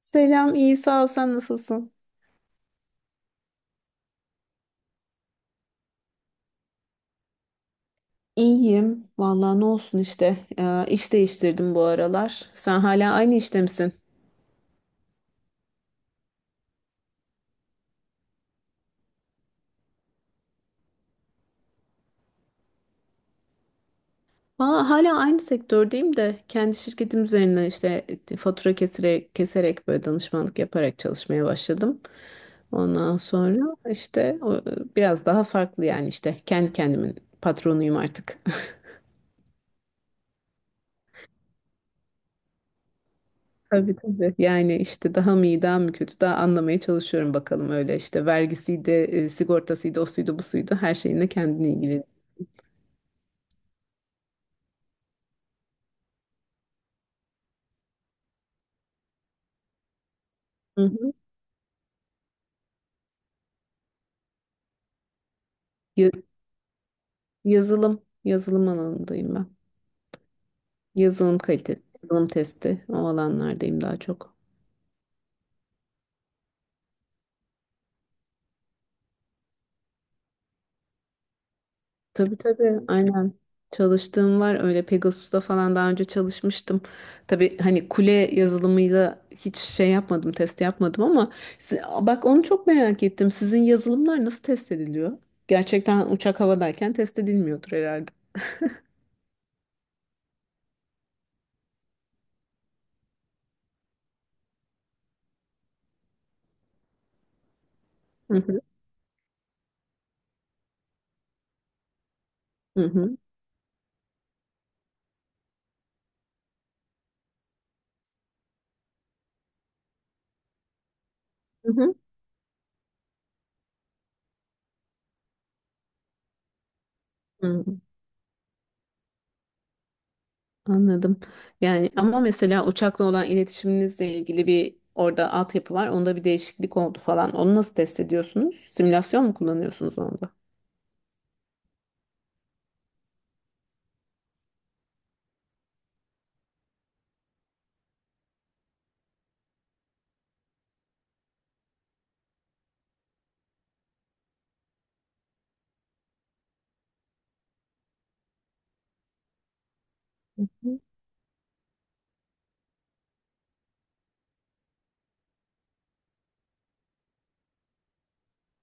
Selam, iyi sağ ol. Sen nasılsın? İyiyim. Vallahi ne olsun işte. İş değiştirdim bu aralar. Sen hala aynı işte misin? Aa, hala aynı sektördeyim de kendi şirketim üzerinden işte fatura keserek, keserek böyle danışmanlık yaparak çalışmaya başladım. Ondan sonra işte biraz daha farklı yani işte kendi kendimin patronuyum artık. Tabii tabii. Yani işte daha mı iyi, daha mı kötü, daha anlamaya çalışıyorum bakalım öyle işte vergisiydi, sigortasıydı, o suydu, bu suydu, her şeyinle kendini ilgili. Hı hı. Ya- yazılım alanındayım ben. Yazılım kalitesi, yazılım testi o alanlardayım daha çok. Tabii tabii aynen. Çalıştığım var öyle Pegasus'ta falan daha önce çalışmıştım. Tabii hani kule yazılımıyla hiç şey yapmadım, test yapmadım ama bak onu çok merak ettim. Sizin yazılımlar nasıl test ediliyor? Gerçekten uçak havadayken test edilmiyordur herhalde. Hı hı. Hı hı. Hı hı. Hı. Anladım. Yani ama mesela uçakla olan iletişiminizle ilgili bir orada altyapı var. Onda bir değişiklik oldu falan. Onu nasıl test ediyorsunuz? Simülasyon mu kullanıyorsunuz onda?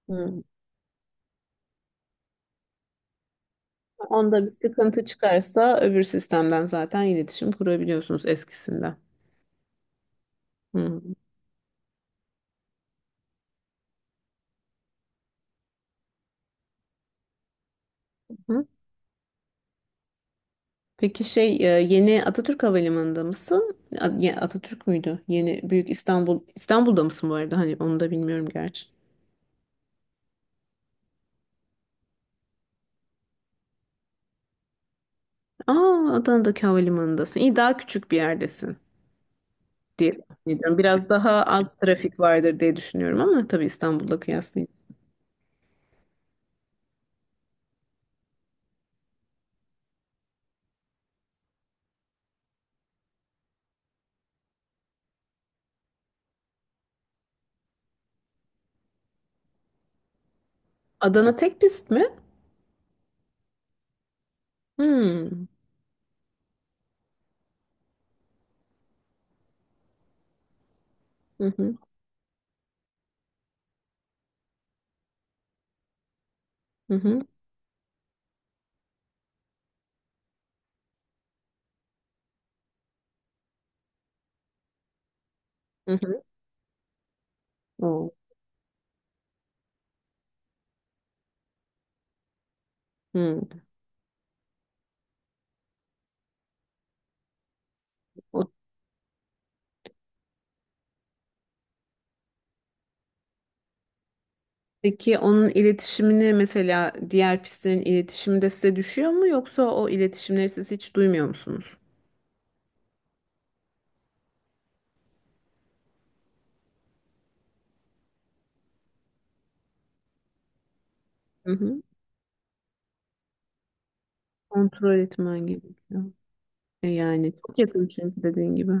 Hmm. Onda bir sıkıntı çıkarsa öbür sistemden zaten iletişim kurabiliyorsunuz eskisinden. Hı hı. Peki şey yeni Atatürk Havalimanı'nda mısın? Atatürk müydü? Yeni Büyük İstanbul'da mısın bu arada? Hani onu da bilmiyorum gerçi. Aa, Adana'daki havalimanındasın. İyi, daha küçük bir yerdesin diye tahmin ediyorum. Biraz daha az trafik vardır diye düşünüyorum ama tabii İstanbul'la kıyaslayayım. Adana tek pist mi? Hmm. Hı hı. Hı hı. Hı hı. Oo. Hmm. O. Peki onun iletişimini mesela diğer pistlerin iletişimi de size düşüyor mu yoksa o iletişimleri siz hiç duymuyor musunuz? Hı hı. Kontrol etmen gerekiyor. E yani çok yakın çünkü dediğin gibi.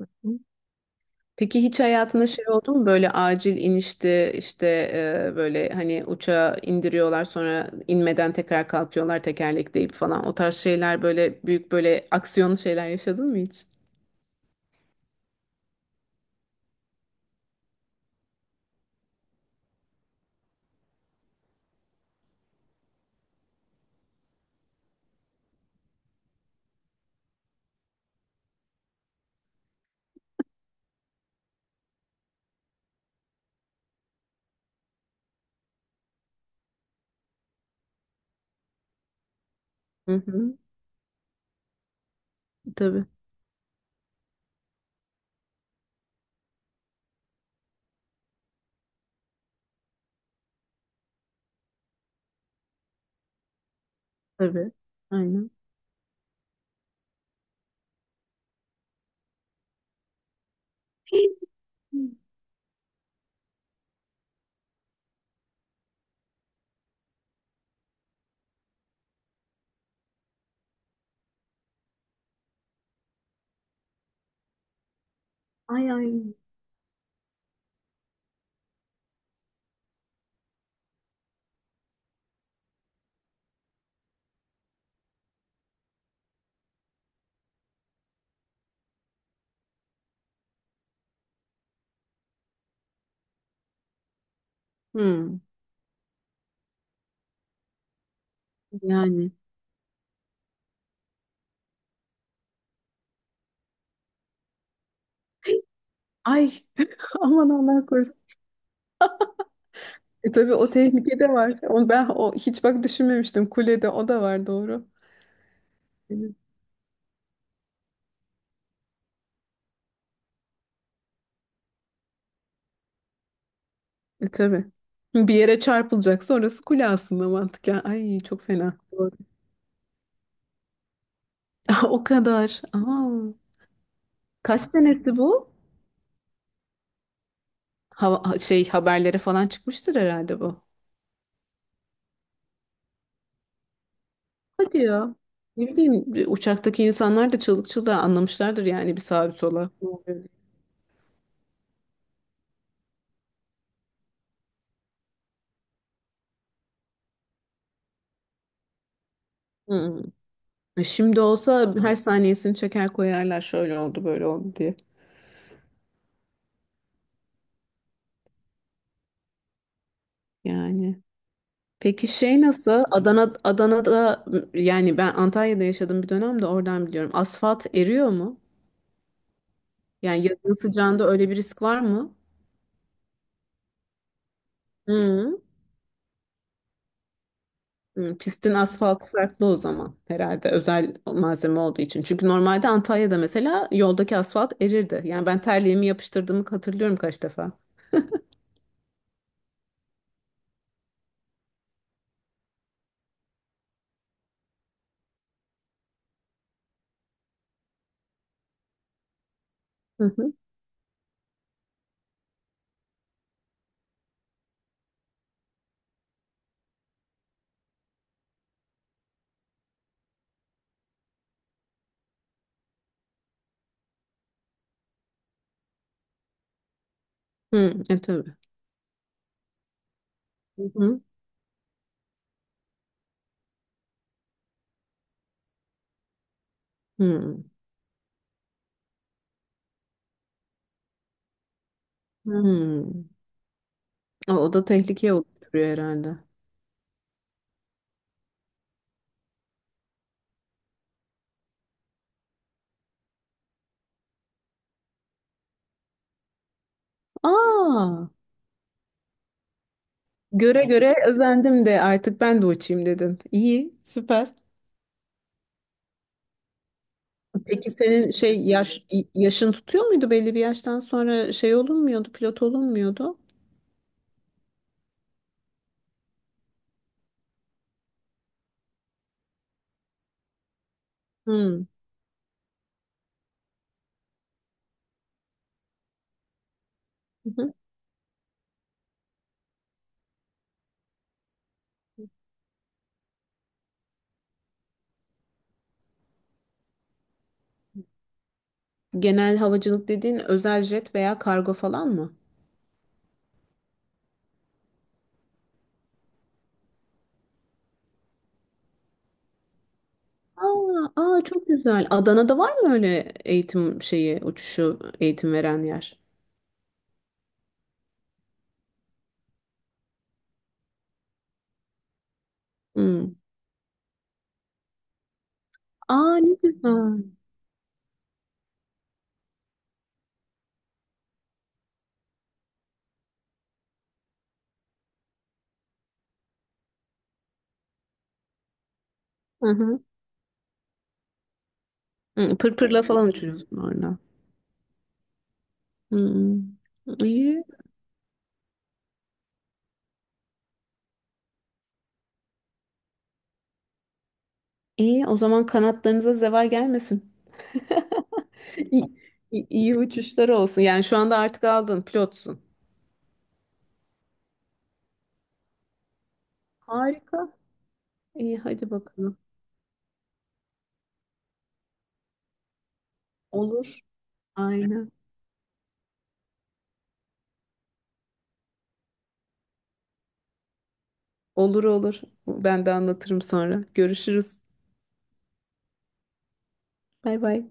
Hı. Peki hiç hayatında şey oldu mu böyle acil inişti işte e, böyle hani uçağı indiriyorlar sonra inmeden tekrar kalkıyorlar tekerlekleyip falan o tarz şeyler böyle büyük böyle aksiyonlu şeyler yaşadın mı hiç? Hı hı. Tabii. Tabii. Aynen. Ay ay. Hı. Yani. Ay aman Allah korusun. E tabii o tehlike de var. Onu ben o hiç bak düşünmemiştim. Kulede o da var, doğru. Evet. E tabii. Bir yere çarpılacaksa orası kule aslında mantıken. Ay çok fena. Doğru. O kadar. Aa, kaç senesi bu? Şey haberlere falan çıkmıştır herhalde bu. Hadi ya. Ne bileyim uçaktaki insanlar da çığlık çığlığa anlamışlardır yani bir sağa bir sola. Hı. E, şimdi olsa her saniyesini çeker koyarlar şöyle oldu böyle oldu diye. Yani. Peki şey nasıl? Adana'da yani ben Antalya'da yaşadığım bir dönemde oradan biliyorum. Asfalt eriyor mu? Yani yazın sıcağında öyle bir risk var mı? Hı. Hı, pistin asfaltı farklı o zaman herhalde, özel malzeme olduğu için. Çünkü normalde Antalya'da mesela yoldaki asfalt erirdi. Yani ben terliğimi yapıştırdığımı hatırlıyorum kaç defa. Hı hı. Hı, e tabii. Hı hı. Hı. Hı. O, o da tehlikeye oturuyor herhalde. Aa, göre göre özendim de artık ben de uçayım dedin. İyi, süper. Peki senin şey yaş, yaşın tutuyor muydu? Belli bir yaştan sonra şey olunmuyordu, pilot olunmuyordu? Hmm. Hı hı. Genel havacılık dediğin özel jet veya kargo falan mı? Aa, aa çok güzel. Adana'da var mı öyle eğitim şeyi, uçuşu eğitim veren yer? Hmm. Aa ne güzel. Hı hı. Hı, pırpırla falan uçuyorsun orada. Hmm. İyi. İyi. O zaman kanatlarınıza zeval gelmesin. İyi, iyi iyi uçuşlar olsun. Yani şu anda artık aldın, pilotsun. Harika. İyi, hadi bakalım. Olur. Aynen. Olur olur. Ben de anlatırım sonra. Görüşürüz. Bay bay.